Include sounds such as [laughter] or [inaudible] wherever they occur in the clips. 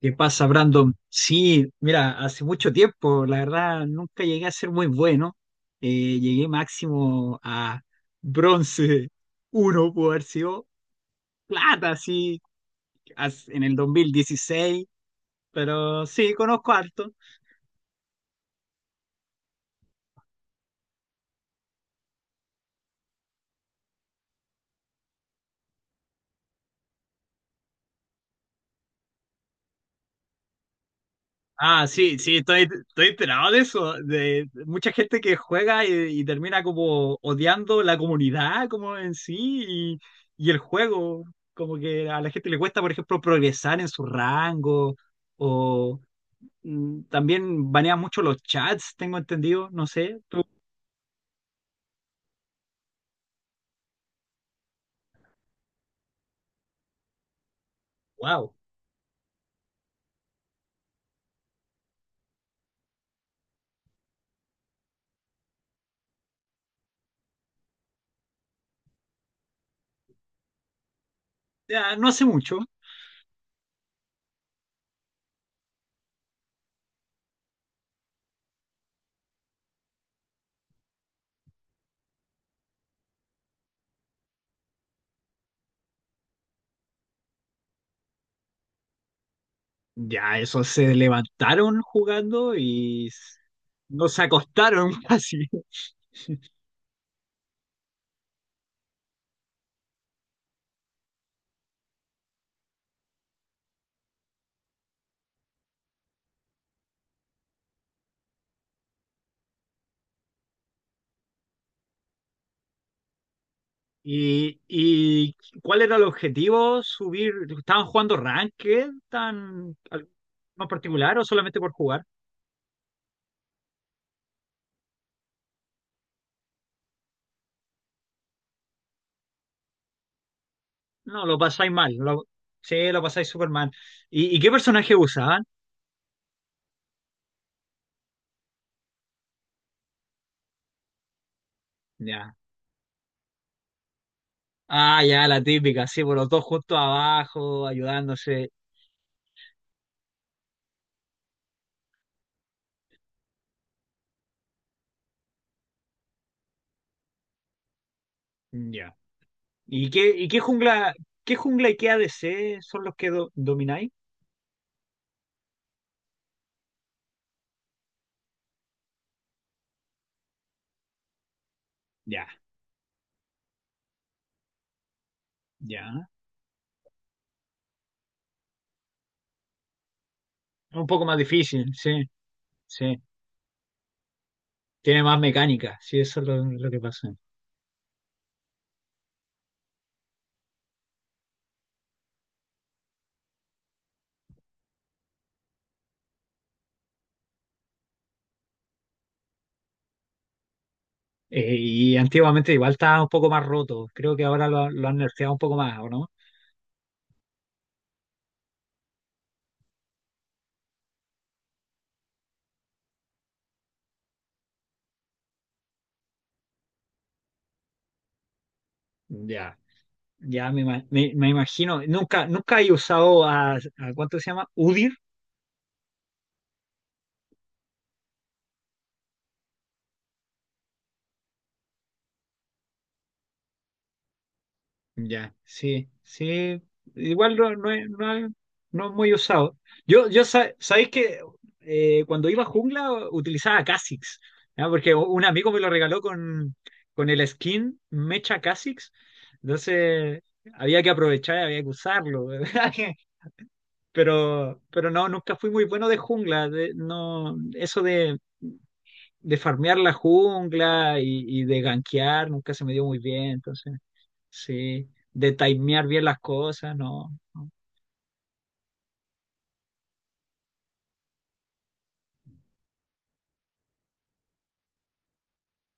¿Qué pasa, Brandon? Sí, mira, hace mucho tiempo, la verdad, nunca llegué a ser muy bueno. Llegué máximo a bronce uno, pudo haber sido plata, sí, en el 2016, pero sí, conozco harto. Ah, sí, sí, estoy enterado de eso, de mucha gente que juega y termina como odiando la comunidad como en sí y el juego, como que a la gente le cuesta, por ejemplo, progresar en su rango o también banean mucho los chats, tengo entendido, no sé. Wow. Ya, no hace mucho. Ya, eso se levantaron jugando y no se acostaron [laughs] casi. Y cuál era el objetivo? ¿Subir? ¿Estaban jugando ranked tan en particular o solamente por jugar? No, lo pasáis mal. Sí, lo pasáis súper mal. Y qué personaje usaban? Ya. Ah, ya, la típica, sí, por los dos justo abajo, ayudándose. Ya. Y qué jungla y qué ADC son los que domináis? Ya, ya. Un poco más difícil, sí, sí. Tiene más mecánica, sí, eso es lo que pasa. Y antiguamente igual estaba un poco más roto. Creo que ahora lo han nerfeado un poco más, ¿o no? Ya, ya me me imagino. Nunca, nunca he usado ¿cuánto se llama? Udir. Ya, sí, sí. Igual no, no, no es muy usado. Yo sabéis que cuando iba a jungla utilizaba Kha'Zix, ¿ya? Porque un amigo me lo regaló con el skin Mecha Kha'Zix. Entonces había que aprovechar, había que usarlo. [laughs] Pero pero no, nunca fui muy bueno de jungla, no, eso de farmear la jungla y de gankear nunca se me dio muy bien, entonces, sí, de timear bien las cosas, no, no.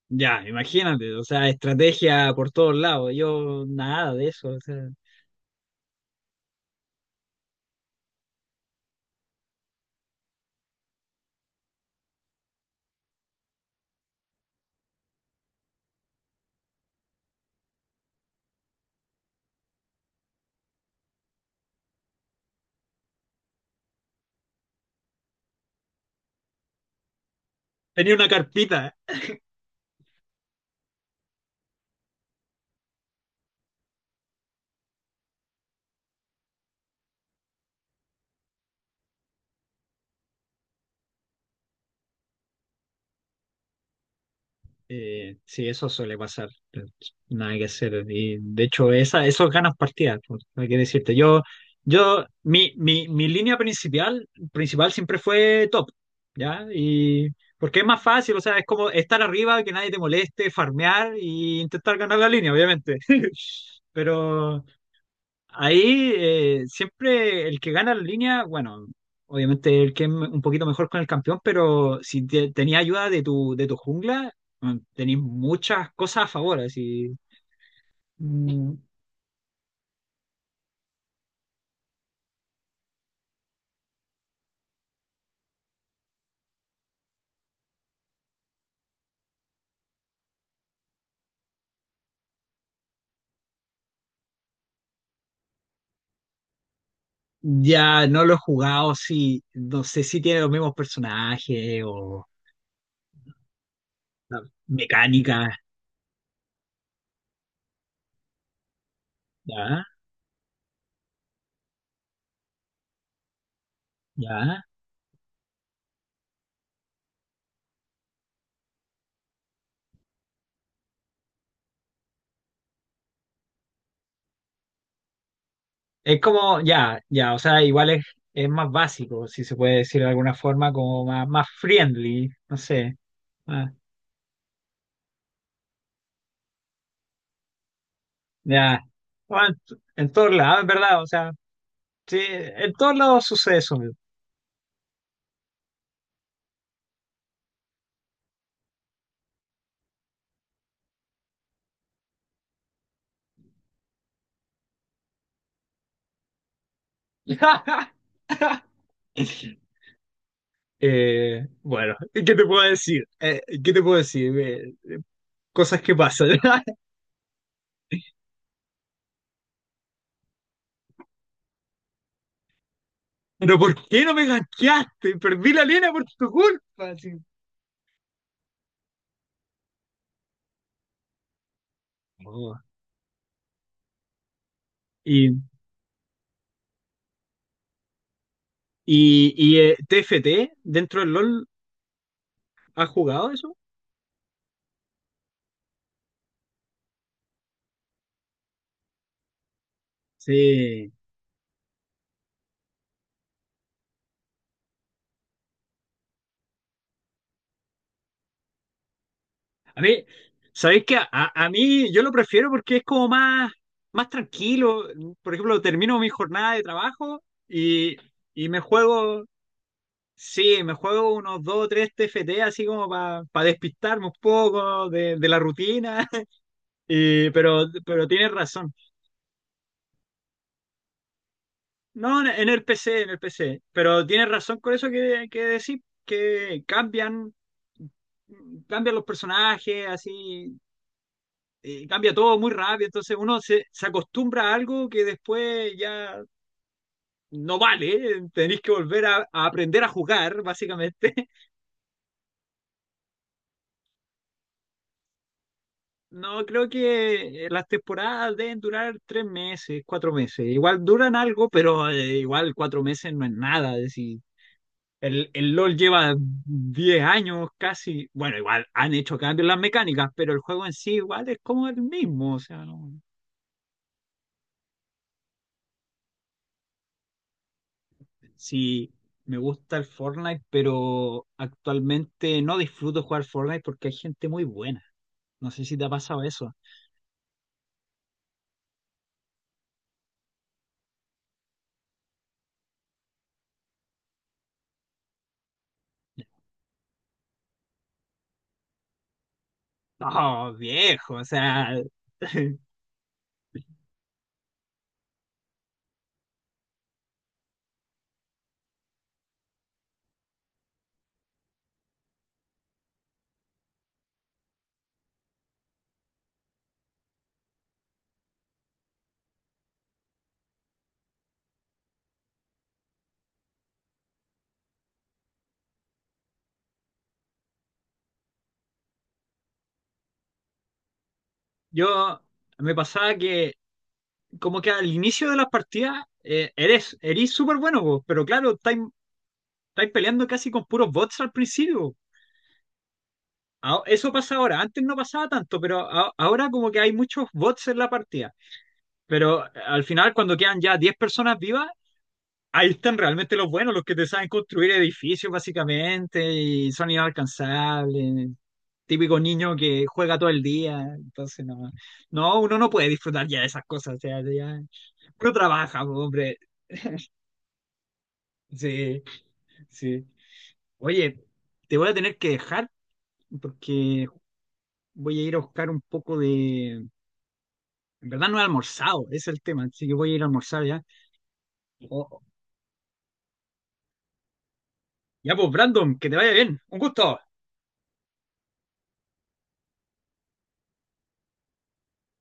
Ya, imagínate, o sea, estrategia por todos lados, yo nada de eso, o sea, tenía una carpita. Sí, eso suele pasar. Nada que hacer. Y de hecho, esos ganas partidas, pues, no hay que decirte. Mi línea principal, principal siempre fue top, ¿ya? Y porque es más fácil, o sea, es como estar arriba, que nadie te moleste, farmear y intentar ganar la línea, obviamente. [laughs] Pero ahí siempre el que gana la línea, bueno, obviamente el que es un poquito mejor con el campeón, pero si tenía ayuda de tu jungla, tenías muchas cosas a favor. Así. Mm, ya no lo he jugado, sí, no sé si tiene los mismos personajes o la mecánica, ya, ya. Es como, ya, ya, o sea, igual es más básico, si se puede decir de alguna forma, como más friendly, no sé. Ya, bueno, en todos lados, en verdad, o sea, sí, en todos lados sucede eso mismo. [laughs] Bueno, ¿qué te puedo decir? ¿Qué te puedo decir? Cosas que pasan. [laughs] Pero ¿por qué no me ganchaste? Perdí la línea por tu culpa, así. Oh. Y, y TFT, dentro del LOL, ¿has jugado eso? Sí. A mí, ¿sabéis qué? A mí yo lo prefiero porque es como más tranquilo. Por ejemplo, termino mi jornada de trabajo y, y sí, me juego unos dos o tres TFT así como para despistarme un poco de la rutina. [laughs] Pero tienes razón. No, en el PC, en el PC. Pero tienes razón con eso que decís, que cambian los personajes, así. Cambia todo muy rápido, entonces uno se acostumbra a algo que después ya no vale, tenéis que volver a aprender a jugar, básicamente. [laughs] No, creo que las temporadas deben durar 3 meses, 4 meses. Igual duran algo, pero igual 4 meses no es nada. Es decir, el LOL lleva 10 años casi. Bueno, igual han hecho cambios en las mecánicas, pero el juego en sí igual es como el mismo. O sea, no. Sí, me gusta el Fortnite, pero actualmente no disfruto jugar Fortnite porque hay gente muy buena. No sé si te ha pasado eso. No, viejo, o sea. [laughs] Yo me pasaba que como que al inicio de las partidas eres súper bueno, vos, pero claro, estáis peleando casi con puros bots al principio. Ah, eso pasa ahora, antes no pasaba tanto, pero ahora como que hay muchos bots en la partida. Pero al final, cuando quedan ya 10 personas vivas, ahí están realmente los buenos, los que te saben construir edificios básicamente y son inalcanzables. Típico niño que juega todo el día. Entonces, no, no, uno no puede disfrutar ya de esas cosas. O sea, ya, uno trabaja, po, hombre. Sí, sí. Oye, te voy a tener que dejar porque voy a ir a buscar un poco de... En verdad no he almorzado, ese es el tema, así que voy a ir a almorzar ya. Oh, ya pues, Brandon, que te vaya bien. Un gusto.